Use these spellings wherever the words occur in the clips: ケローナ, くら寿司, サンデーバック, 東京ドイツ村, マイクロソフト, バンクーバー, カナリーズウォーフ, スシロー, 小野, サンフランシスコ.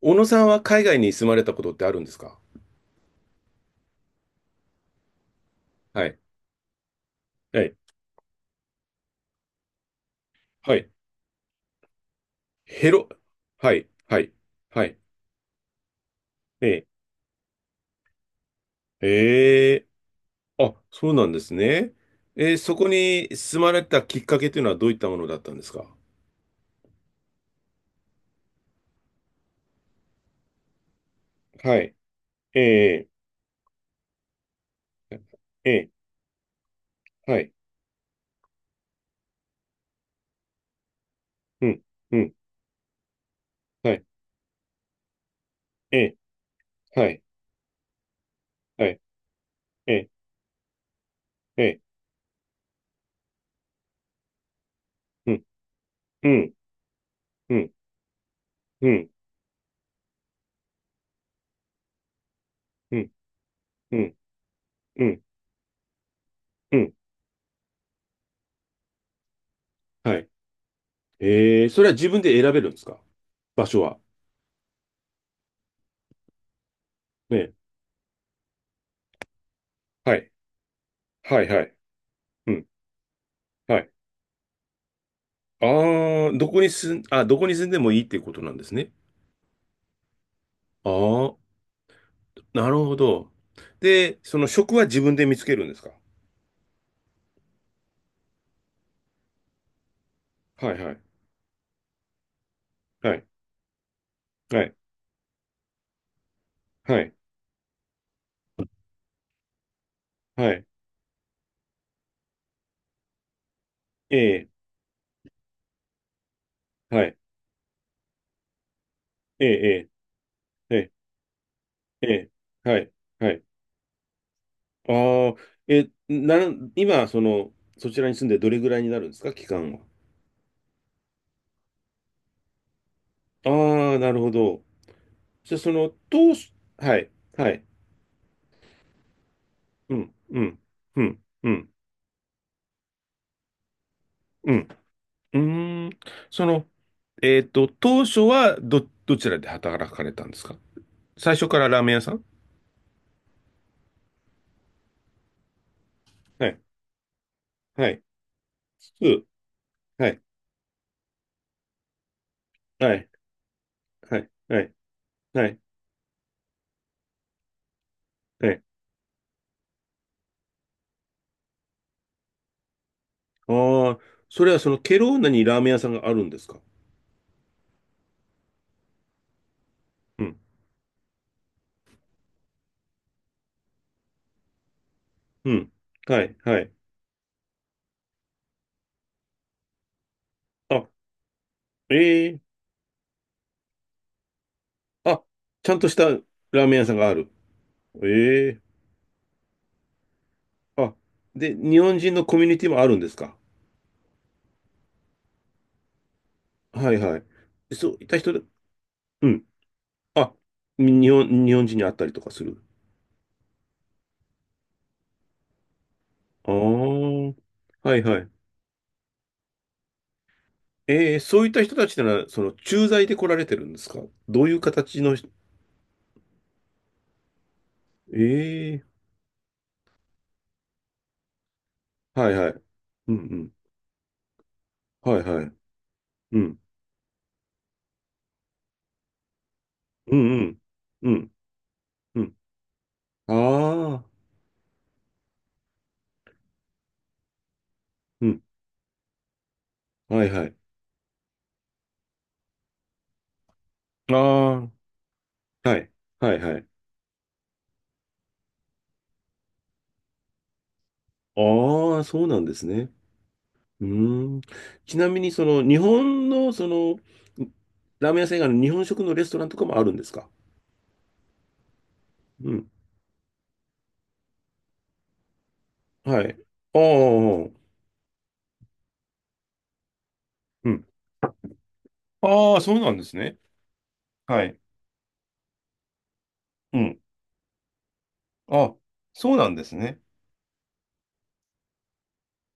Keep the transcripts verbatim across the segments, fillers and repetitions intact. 小野さんは海外に住まれたことってあるんですか？はい。はい。はい。ヘロ、はい。はい。はい。ええ。ええ。あ、そうなんですね。えーそこに住まれたきっかけというのはどういったものだったんですか？はい。ええ。ええ。はい。うん。うん。はい。ええ。はい。はい。ええ。ええ。うん。うん。うん。うん。うん。うん。うん。うん。はい。ええ。それは自分で選べるんですか？場所は。ね。はい。はい。はい。うん。はい。ああ、どこに住ん、あ、どこに住んでもいいっていうことなんですね。ああ、なるほど。で、その職は自分で見つけるんですか？はいはい。はい。はい。はい。はい。ええ。はい。ええ。ええ。ええ。はい。はい。ああ、え、なん、今、その、そちらに住んでどれぐらいになるんですか？期間は。ああ、なるほど。じゃあ、その、当初、はい。はい。うん。うん。うん。うん。うん。うーん、その、えっと、当初はど、どちらで働かれたんですか？最初からラーメン屋さん？はい、はい、うん、はい、はい、はい、はい、はい、はい。ああ、それはそのケローナにラーメン屋さんがあるんですか？うん、うん、はい、はい。あ、ええ。あ、ちゃんとしたラーメン屋さんがある。ええ。あ、で、日本人のコミュニティもあるんですか？はい、はい。そういった人で、うん、あ、日本、日本人に会ったりとかする。ああ、はいはい。えー、そういった人たちなら、その、駐在で来られてるんですか？どういう形の人？ええー、はいはい。うんうん。はいはい。うん。うんうん。うん。うん。ああ、うん。はいはい。ああ、はい。はいはい。ああ、そうなんですね。うーん。ちなみに、その、日本の、その、ラーメン屋さん以外の日本食のレストランとかもあるんですか？うん。はい。ああ、うん。ああ、そうなんですね。はい。うん。あ、そうなんですね。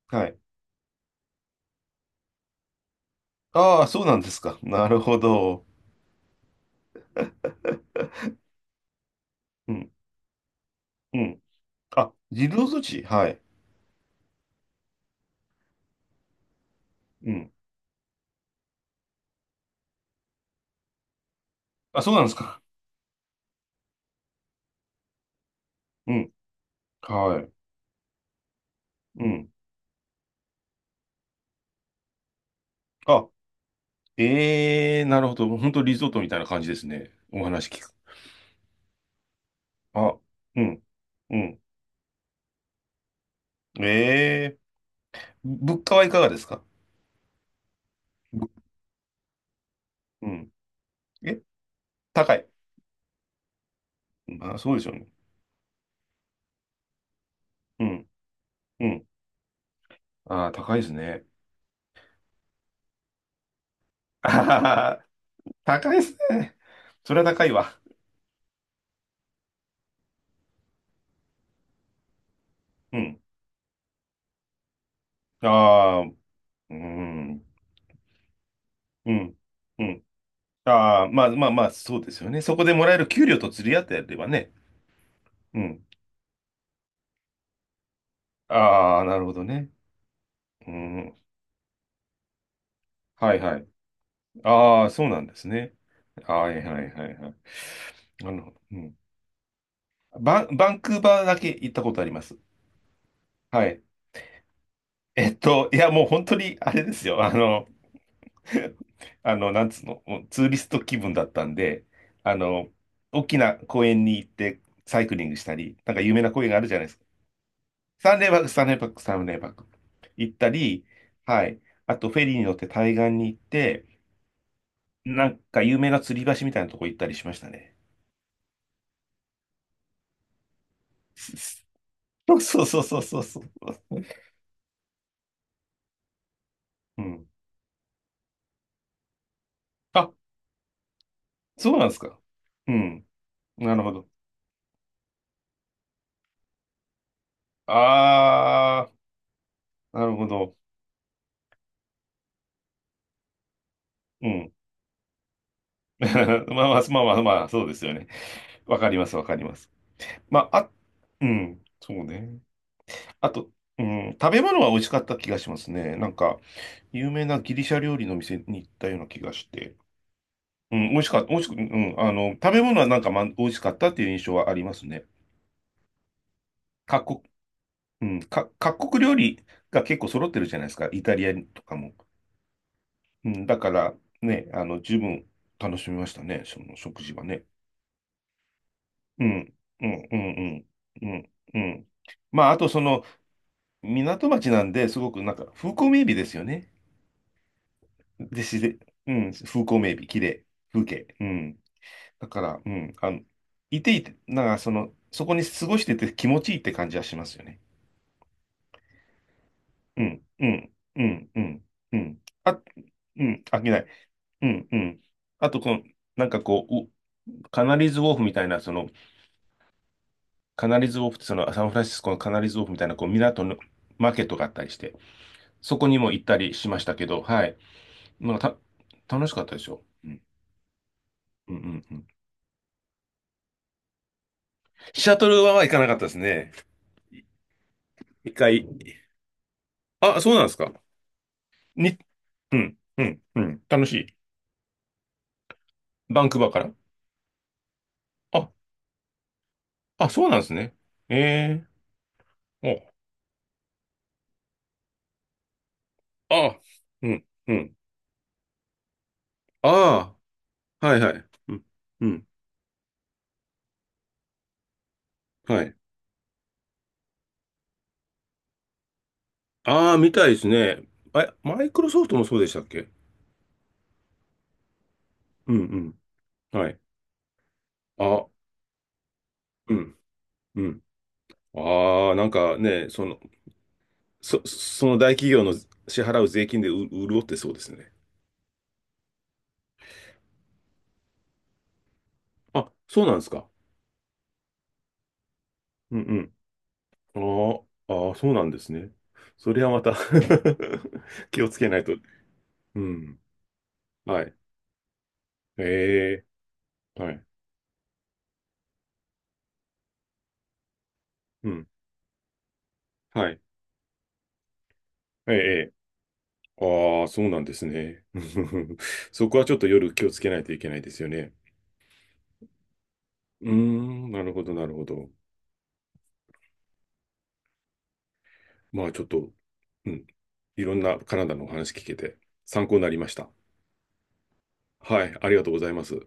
はい。ああ、そうなんですか。なるほど。うん。うん。あ、自動措置。はい。うん。あ、そうなんですか。うん。はい。うん。あ、ええー、なるほど。本当リゾートみたいな感じですね。お話聞く。あ、うん。うん。ええー、物価はいかがですか？ぶうん。え、高い。まあ、そうでしょうね。うん。うん。ああ、高いですね。あははは、高いですね。それは高いわ。うん。ああ、うーん。うん。うん。ああ、まあまあまあ、そうですよね。そこでもらえる給料と釣り合ってやればね。うん。ああ、なるほどね。うん。はいはい。ああ、そうなんですね。はいはいはいはい。なるほど。うん。バン、バンクーバーだけ行ったことあります。はい。えっと、いや、もう本当にあれですよ。あの、あの、なんつうの、もうツーリスト気分だったんで、あの、大きな公園に行ってサイクリングしたり、なんか有名な公園があるじゃないですか。サンデーバック、サンデーバック、サンデーバック。行ったり、はい。あと、フェリーに乗って対岸に行って、なんか有名な吊り橋みたいなとこ行ったりしましたね。そうそうそうそうそうそう。うん。あ、そうなんですか。うん。なるほど。あー、なるほど。うん。まあまあ、まあまあ、まあ、そうですよね。わかります、わかります。まあ、あ、うん、そうね。あと、うん、食べ物は美味しかった気がしますね。なんか、有名なギリシャ料理の店に行ったような気がして、うん、美味しかった、美味しく、うん、あの、食べ物はなんか、ま、美味しかったっていう印象はありますね。各国、うん、か、各国料理が結構揃ってるじゃないですか、イタリアとかも。うん、だから、ね、あの、十分楽しみましたね、その食事はね。うん、うん、うん、うん、うん、うん。まあ、あとその、港町なんで、すごくなんか、風光明媚ですよね。で、自然、うん、風光明媚、綺麗、風景。うん。だから、うん、あの、いていて、なんかその、そこに過ごしてて気持ちいいって感じはしますよね。うん、うん、うん、うん、うん。あ、うん、飽きない。うん、うん。あと、この、なんかこう、うカナリーズウォーフみたいな、その、カナリーズウォーフってその、サンフランシスコのカナリーズウォーフみたいな、こう、港のマーケットがあったりして、そこにも行ったりしましたけど、はい。なんかた、楽しかったでしょ。うん、うん、うん。うん。シャトルは行かなかったですね。い一回。あ、そうなんですか。日うん、うん、うん。楽しい。バンクーバーから。あ、あ、そうなんですね。ええ。お、あ、うん、うん。ああ、はいはい。うん、うん、はい。ああ、みたいですね。え、マイクロソフトもそうでしたっけ？うん、うん。はい。あ、うん、うん。ああ、なんかね、その、そ、その大企業の支払う税金でう潤ってそうですね。あ、そうなんですか。うんうん。あああー、そうなんですね。それはまた 気をつけないと。うん。はい。ええ。はい。うん。はい。ええ。ええ。ああ、そうなんですね。そこはちょっと夜気をつけないといけないですよね。うーん、なるほど、なるほど。まあちょっと、うん。いろんなカナダのお話聞けて参考になりました。はい、ありがとうございます。